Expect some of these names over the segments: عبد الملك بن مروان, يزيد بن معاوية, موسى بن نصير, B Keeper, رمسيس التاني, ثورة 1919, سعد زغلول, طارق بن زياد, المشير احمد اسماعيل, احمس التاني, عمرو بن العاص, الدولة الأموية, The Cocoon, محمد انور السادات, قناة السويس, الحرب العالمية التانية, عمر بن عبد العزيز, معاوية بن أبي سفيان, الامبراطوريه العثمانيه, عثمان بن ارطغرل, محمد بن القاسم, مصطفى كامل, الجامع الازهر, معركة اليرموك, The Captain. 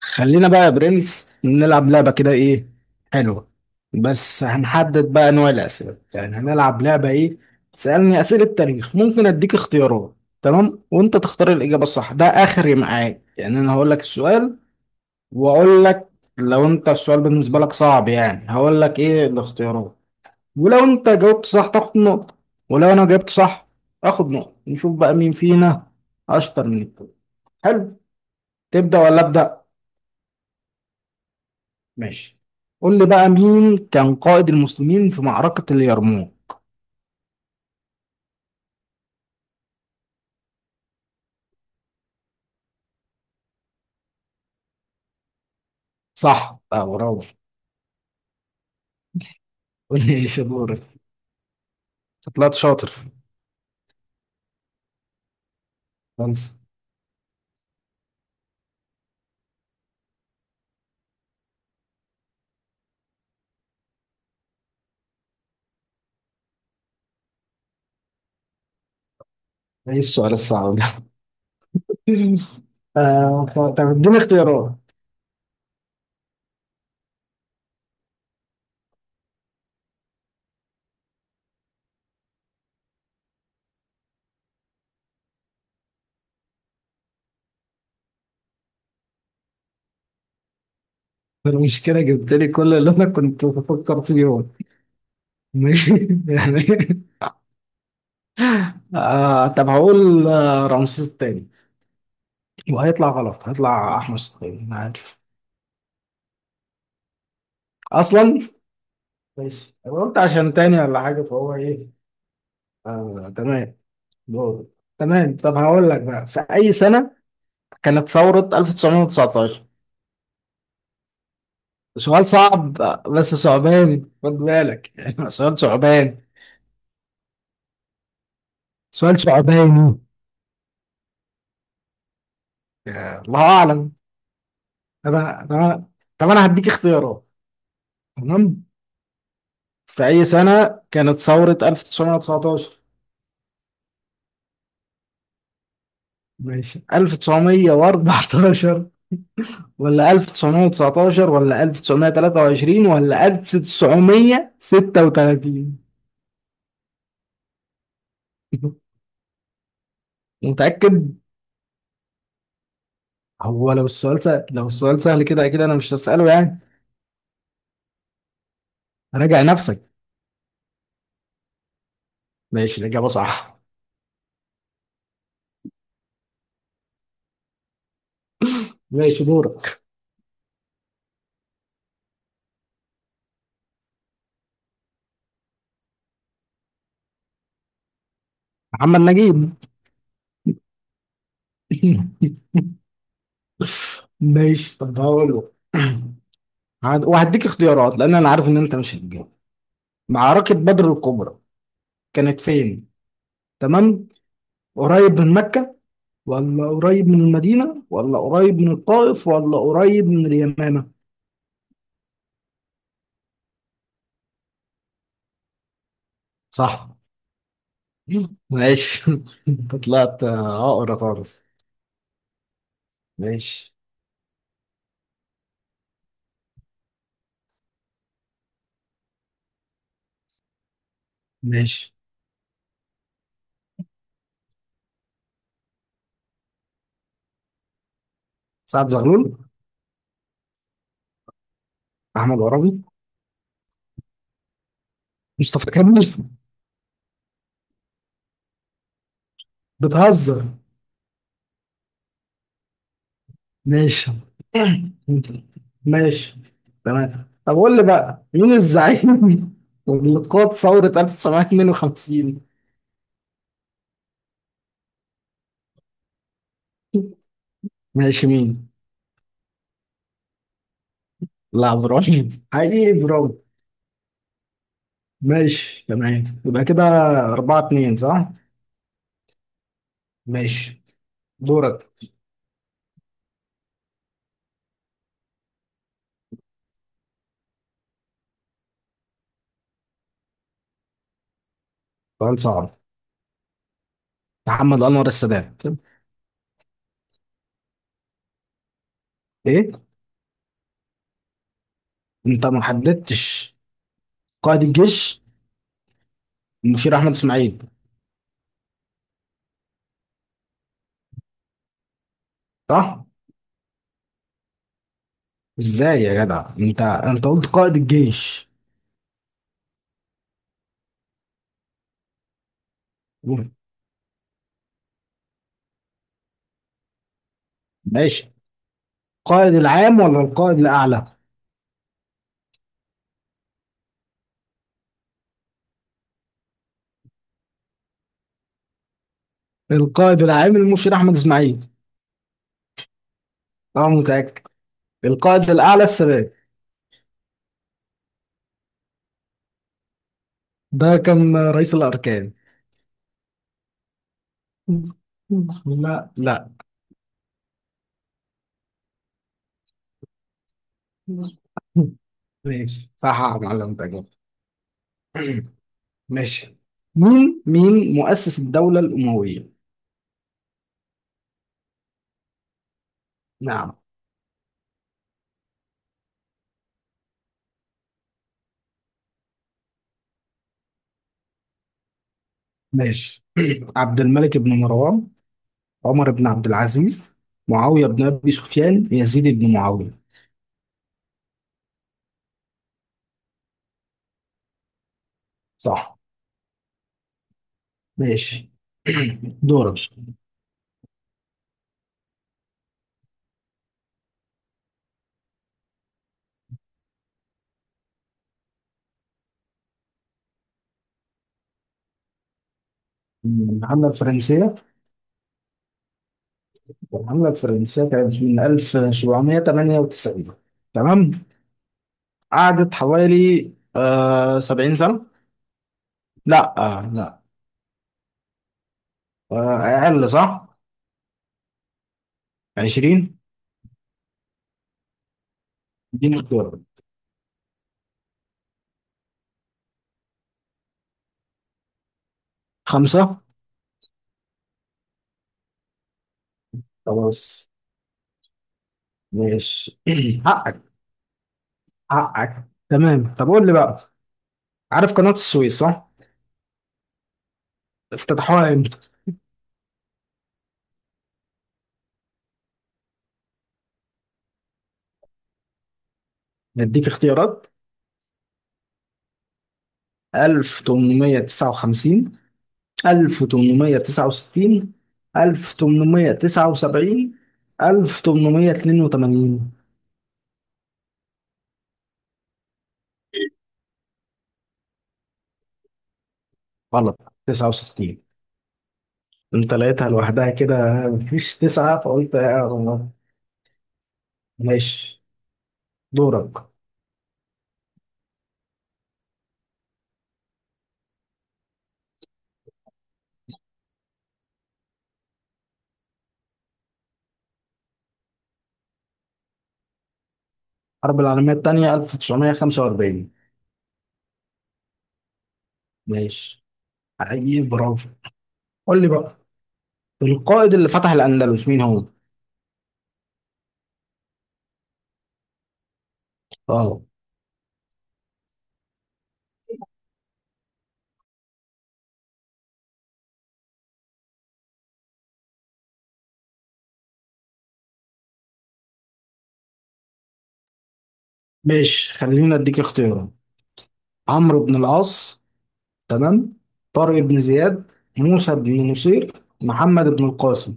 خلينا بقى يا برنس نلعب لعبة كده، ايه حلوة. بس هنحدد بقى انواع الأسئلة، يعني هنلعب لعبة ايه. تسألني أسئلة تاريخ، ممكن أديك اختيارات. تمام، وانت تختار الإجابة الصح، ده آخري معاك. يعني أنا هقول لك السؤال وأقول لك، لو انت السؤال بالنسبة لك صعب يعني هقول لك ايه الاختيارات، ولو انت جاوبت صح تاخد نقطة، ولو انا جاوبت صح اخد نقطة. نشوف بقى مين فينا أشطر من التاني. حلو. تبدأ ولا أبدأ؟ ماشي. قول لي بقى، مين كان قائد المسلمين في معركة اليرموك؟ صح بقى، برافو. قول لي ايش دورك. طلعت شاطر. خلاص. ايه السؤال الصعب ده؟ آه، طب اديني اختيارات. المشكلة جبت لي كل اللي انا كنت بفكر فيهم. ماشي. يعني آه، طب هقول، آه، رمسيس التاني. وهيطلع غلط، هيطلع احمس التاني، انا عارف اصلا. ماشي، أنا قلت عشان تاني ولا حاجة، فهو ايه؟ آه تمام، دول. تمام، طب هقول لك بقى، في أي سنة كانت ثورة 1919؟ سؤال صعب، بس صعباني خد بالك يعني. سؤال صعبان، سؤال صعباني. يا الله أعلم. طب أنا طب أنا طب أنا هديك اختيارات. تمام، في أي سنة كانت ثورة 1919؟ ماشي، 1914 ولا 1919 ولا 1923 ولا 1936؟ متأكد؟ هو لو السؤال سهل، لو السؤال سهل كده اكيد انا مش هسأله يعني، راجع نفسك. ماشي، الإجابة صح. ماشي، دورك. محمد نجيب. ماشي، طب هقول له، وهديك اختيارات لان انا عارف ان انت مش هتجاوب. معركة بدر الكبرى كانت فين؟ تمام، قريب من مكة ولا قريب من المدينة ولا قريب من الطائف ولا قريب من اليمامة؟ صح. ماشي. انت طلعت، آه، عقرة خالص. ماشي. ماشي. سعد زغلول. احمد عرابي. مصطفى كامل. بتهزر. ماشي. ماشي تمام. طب قول لي بقى، مين الزعيم اللي قاد ثورة 1952؟ ماشي، مين؟ لا، ابراهيم حقيقي، برافو. ماشي تمام، يبقى كده 4-2، صح؟ ماشي، دورك. سؤال صعب. محمد انور السادات. ايه؟ انت ما حددتش قائد الجيش. المشير احمد اسماعيل، صح؟ ازاي يا جدع؟ انت قلت قائد الجيش. ماشي، القائد العام ولا القائد الأعلى؟ القائد العام المشير أحمد إسماعيل. أنا متأكد. القائد الأعلى السادات. ده كان رئيس الأركان. لا لا. ماشي، صح يا معلم، تجربة. ماشي. مين مؤسس الدولة الأموية؟ نعم. ماشي. عبد الملك بن مروان، عمر بن عبد العزيز، معاوية بن أبي سفيان، يزيد بن معاوية. صح. ماشي. دورك. الحملة الفرنسية. الحملة الفرنسية كانت من 1798، تمام. قعدت حوالي، آه، 70 سنة. لا، آه، لا. آه، أقل، صح. 20. اديني اختيار. خمسة. خلاص. ماشي. حقك. حقك. تمام، طب قول لي بقى، عارف قناة السويس صح؟ افتتحوها امتى؟ نديك اختيارات: 1859، 1869، 1879، 1882. غلط، 69. انت لقيتها لوحدها كده، مفيش تسعة فقلت يا رب. ماشي، دورك. الحرب العالمية التانية 1945. ماشي، حقيقي برافو. قول لي بقى، القائد اللي فتح الأندلس مين هو؟ اه. ماشي، خلينا اديك اختيارات. عمرو بن العاص، تمام، طارق بن زياد، موسى بن نصير، محمد بن القاسم.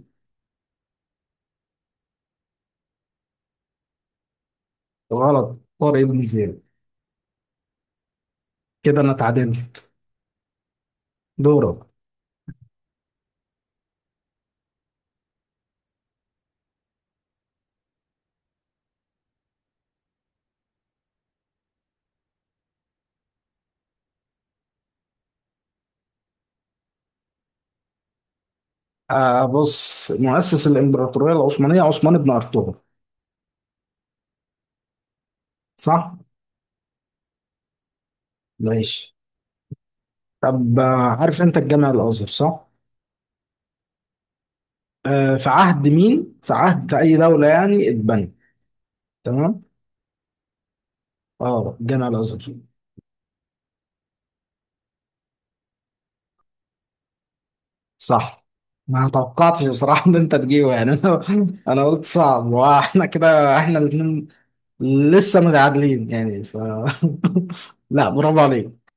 غلط، طارق بن زياد. كده انا اتعادلت. دورك. آه بص، مؤسس الامبراطوريه العثمانيه عثمان بن ارطغرل. صح. ماشي. طب، آه، عارف انت الجامع الازهر صح؟ آه، في عهد مين، في عهد اي دوله يعني اتبنى؟ تمام. اه، الجامع الازهر. صح. ما توقعتش بصراحه ان انت تجيبه يعني. انا انا قلت صعب، واحنا كده احنا الاثنين لسه متعادلين يعني، ف لا، برافو عليك.